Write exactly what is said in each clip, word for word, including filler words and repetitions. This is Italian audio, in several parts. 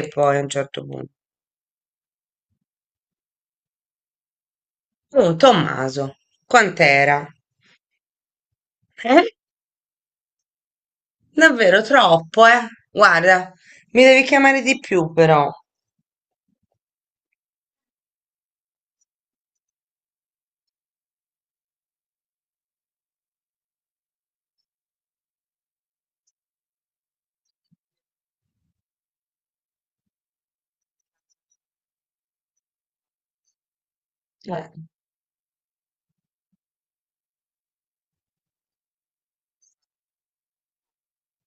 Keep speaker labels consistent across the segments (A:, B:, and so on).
A: E poi a un certo punto. Oh, Tommaso, quant'era? Eh? Davvero troppo, eh? Guarda, mi devi chiamare di più però. Eh,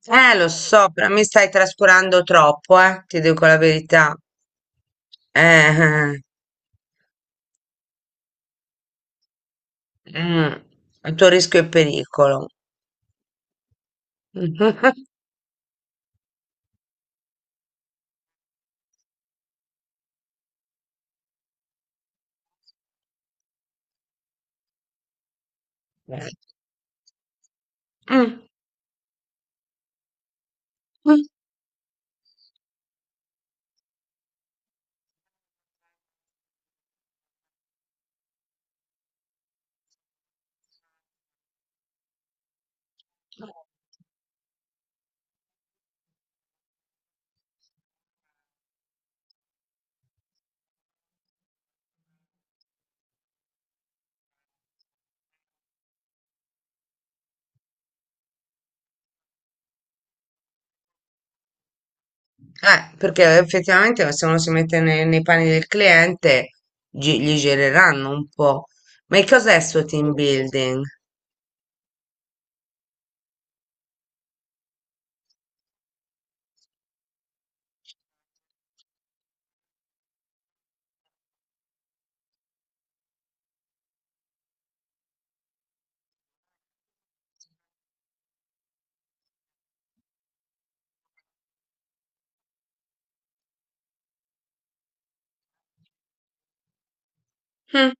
A: Eh, lo so, però mi stai trascurando troppo, eh? Ti dico la verità. Eh, eh, eh, mm, A tuo rischio e pericolo. Mm. mm. Eh, perché effettivamente se uno si mette ne- nei, panni del cliente, gi- gli gireranno un po'. Ma che cos'è sto team building? Hm,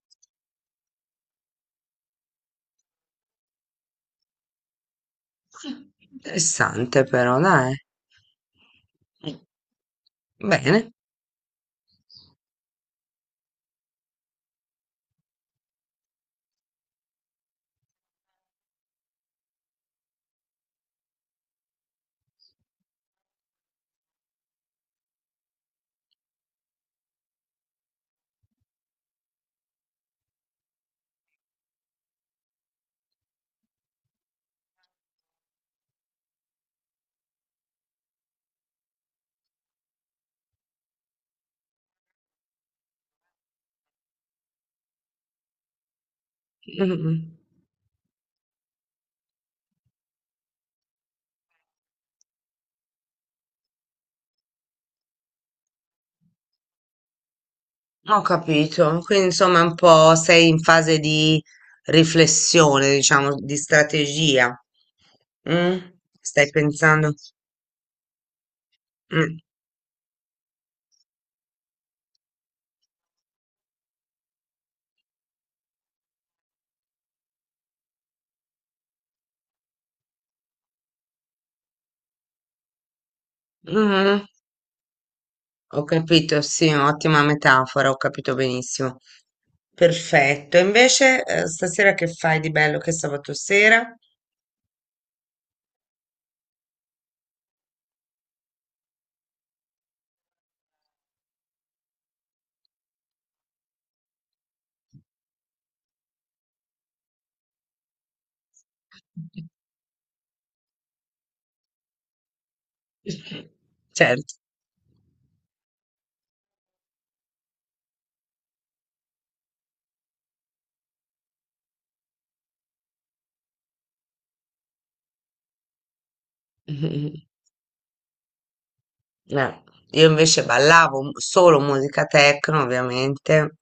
A: interessante però, dai. Bene, mm, ho capito. Quindi insomma è un po' sei in fase di riflessione, diciamo, di strategia. Mm, Stai pensando? Mm, mm, Ho capito, sì, ottima metafora, ho capito benissimo. Perfetto. E invece, eh, stasera che fai di bello che è sabato sera? Certo. Mhm. Eh, io invece ballavo mu- solo musica techno, ovviamente,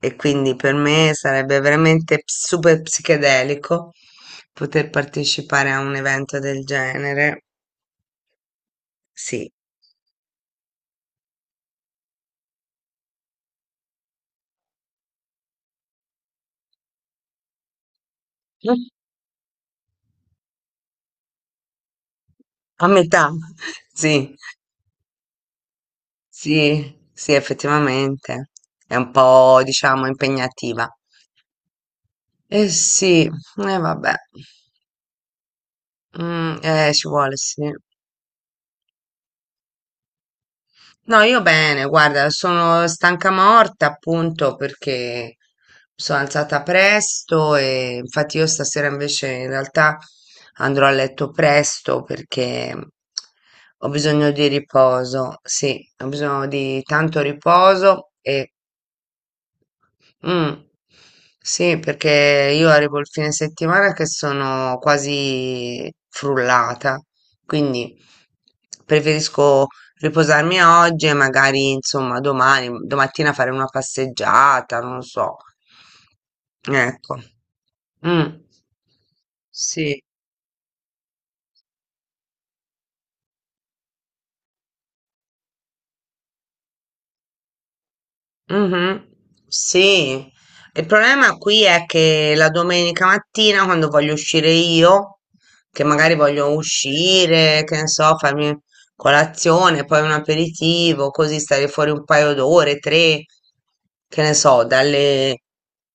A: e quindi per me sarebbe veramente ps- super psichedelico poter partecipare a un evento del genere. Sì. Mm. A metà. Sì, sì, sì, effettivamente. È un po', diciamo, impegnativa. Eh sì, e vabbè. Mm, eh, ci vuole, sì. No, io bene, guarda, sono stanca morta appunto perché mi sono alzata presto e infatti io stasera invece in realtà andrò a letto presto perché ho bisogno di riposo, sì, ho bisogno di tanto riposo e Mm. Sì, perché io arrivo il fine settimana che sono quasi frullata, quindi preferisco riposarmi oggi e magari, insomma, domani, domattina fare una passeggiata, non lo so. Ecco. Mm. Sì. Mhm, sì, il problema qui è che la domenica mattina quando voglio uscire io, che magari voglio uscire, che ne so, farmi colazione, poi un aperitivo, così stare fuori un paio d'ore, tre, che ne so, dalle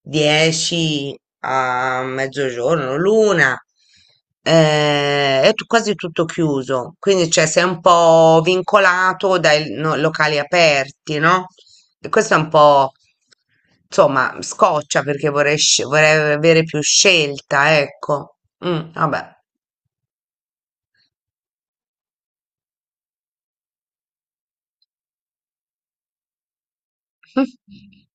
A: dieci a mezzogiorno, l'una, eh, è tu- quasi tutto chiuso, quindi cioè, sei un po' vincolato dai no- locali aperti, no? E questo è un po', insomma, scoccia perché vorrei, sce- vorrei avere più scelta, ecco. Mm, vabbè.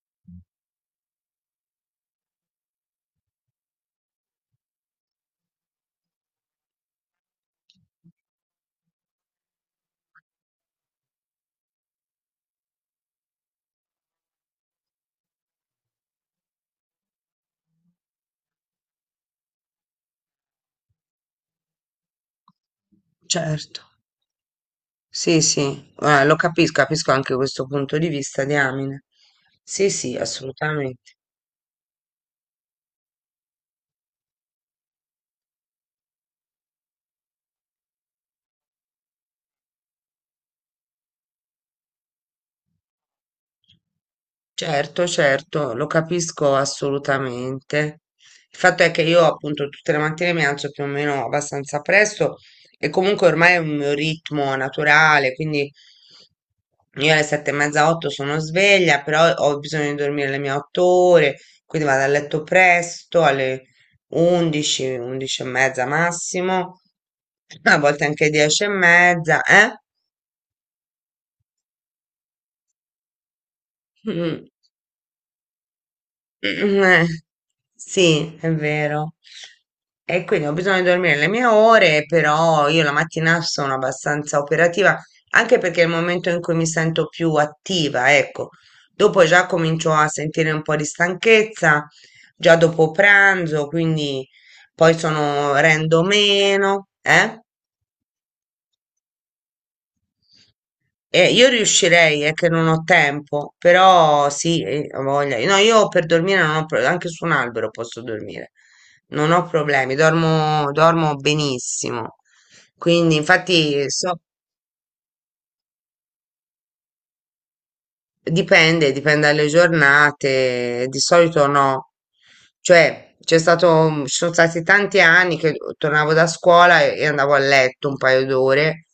A: Certo. Sì, sì, eh, lo capisco, capisco anche questo punto di vista, diamine. Sì, sì, assolutamente. Certo, certo, lo capisco assolutamente. Il fatto è che io appunto tutte le mattine mi alzo più o meno abbastanza presto e comunque ormai è un mio ritmo naturale, quindi io alle sette e mezza, otto sono sveglia, però ho bisogno di dormire le mie otto ore, quindi vado a letto presto, alle undici, undici e mezza massimo, a volte anche dieci e mezza, eh? Mm, eh, sì, è vero. E quindi ho bisogno di dormire le mie ore, però io la mattina sono abbastanza operativa, anche perché è il momento in cui mi sento più attiva, ecco. Dopo già comincio a sentire un po' di stanchezza, già dopo pranzo, quindi poi sono, rendo meno, eh? Eh, io riuscirei, è che non ho tempo, però sì, eh, ho voglia. No, io per dormire non ho pro- anche su un albero posso dormire, non ho problemi, dormo, dormo benissimo. Quindi, infatti, so, dipende, dipende dalle giornate, di solito no. Cioè, c'è stato, ci sono stati tanti anni che tornavo da scuola e, e andavo a letto un paio d'ore,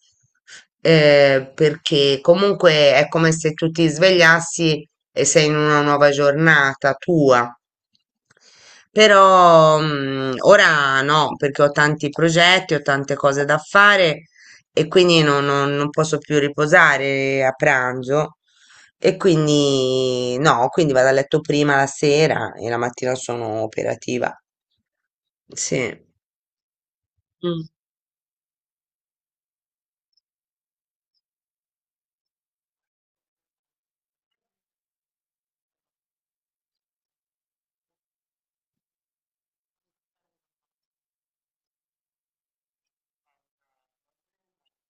A: eh, perché comunque è come se tu ti svegliassi e sei in una nuova giornata tua. Però, mm, ora no, perché ho tanti progetti, ho tante cose da fare e quindi non non- non posso più riposare a pranzo. E quindi no, quindi vado a letto prima la sera e la mattina sono operativa. Sì. Mm.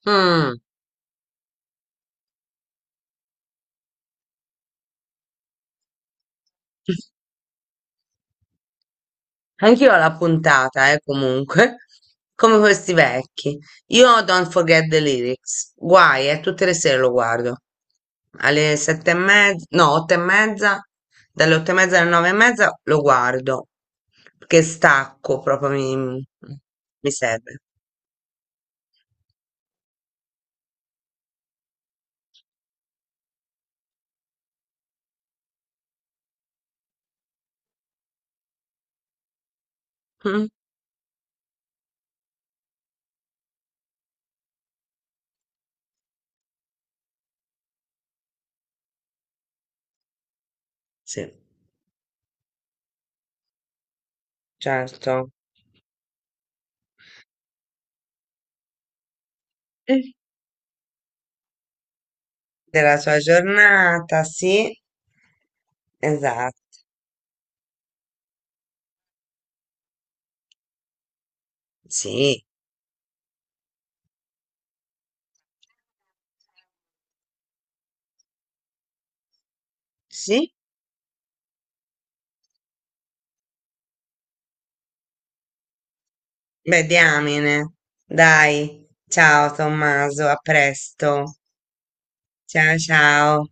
A: Mm. Anch'io ho la puntata, eh, comunque, come questi vecchi. Io ho Don't Forget the Lyrics, guai, eh, tutte le sere lo guardo. Alle sette e mezza, no, otto e mezza, dalle otto e mezza alle nove e mezza lo guardo, perché stacco, proprio mi, mi serve. Mm, Sì, certo. Della sua giornata, sì, esatto, sì, sì, beh, diamine. Dai, ciao Tommaso, a presto. Ciao, ciao.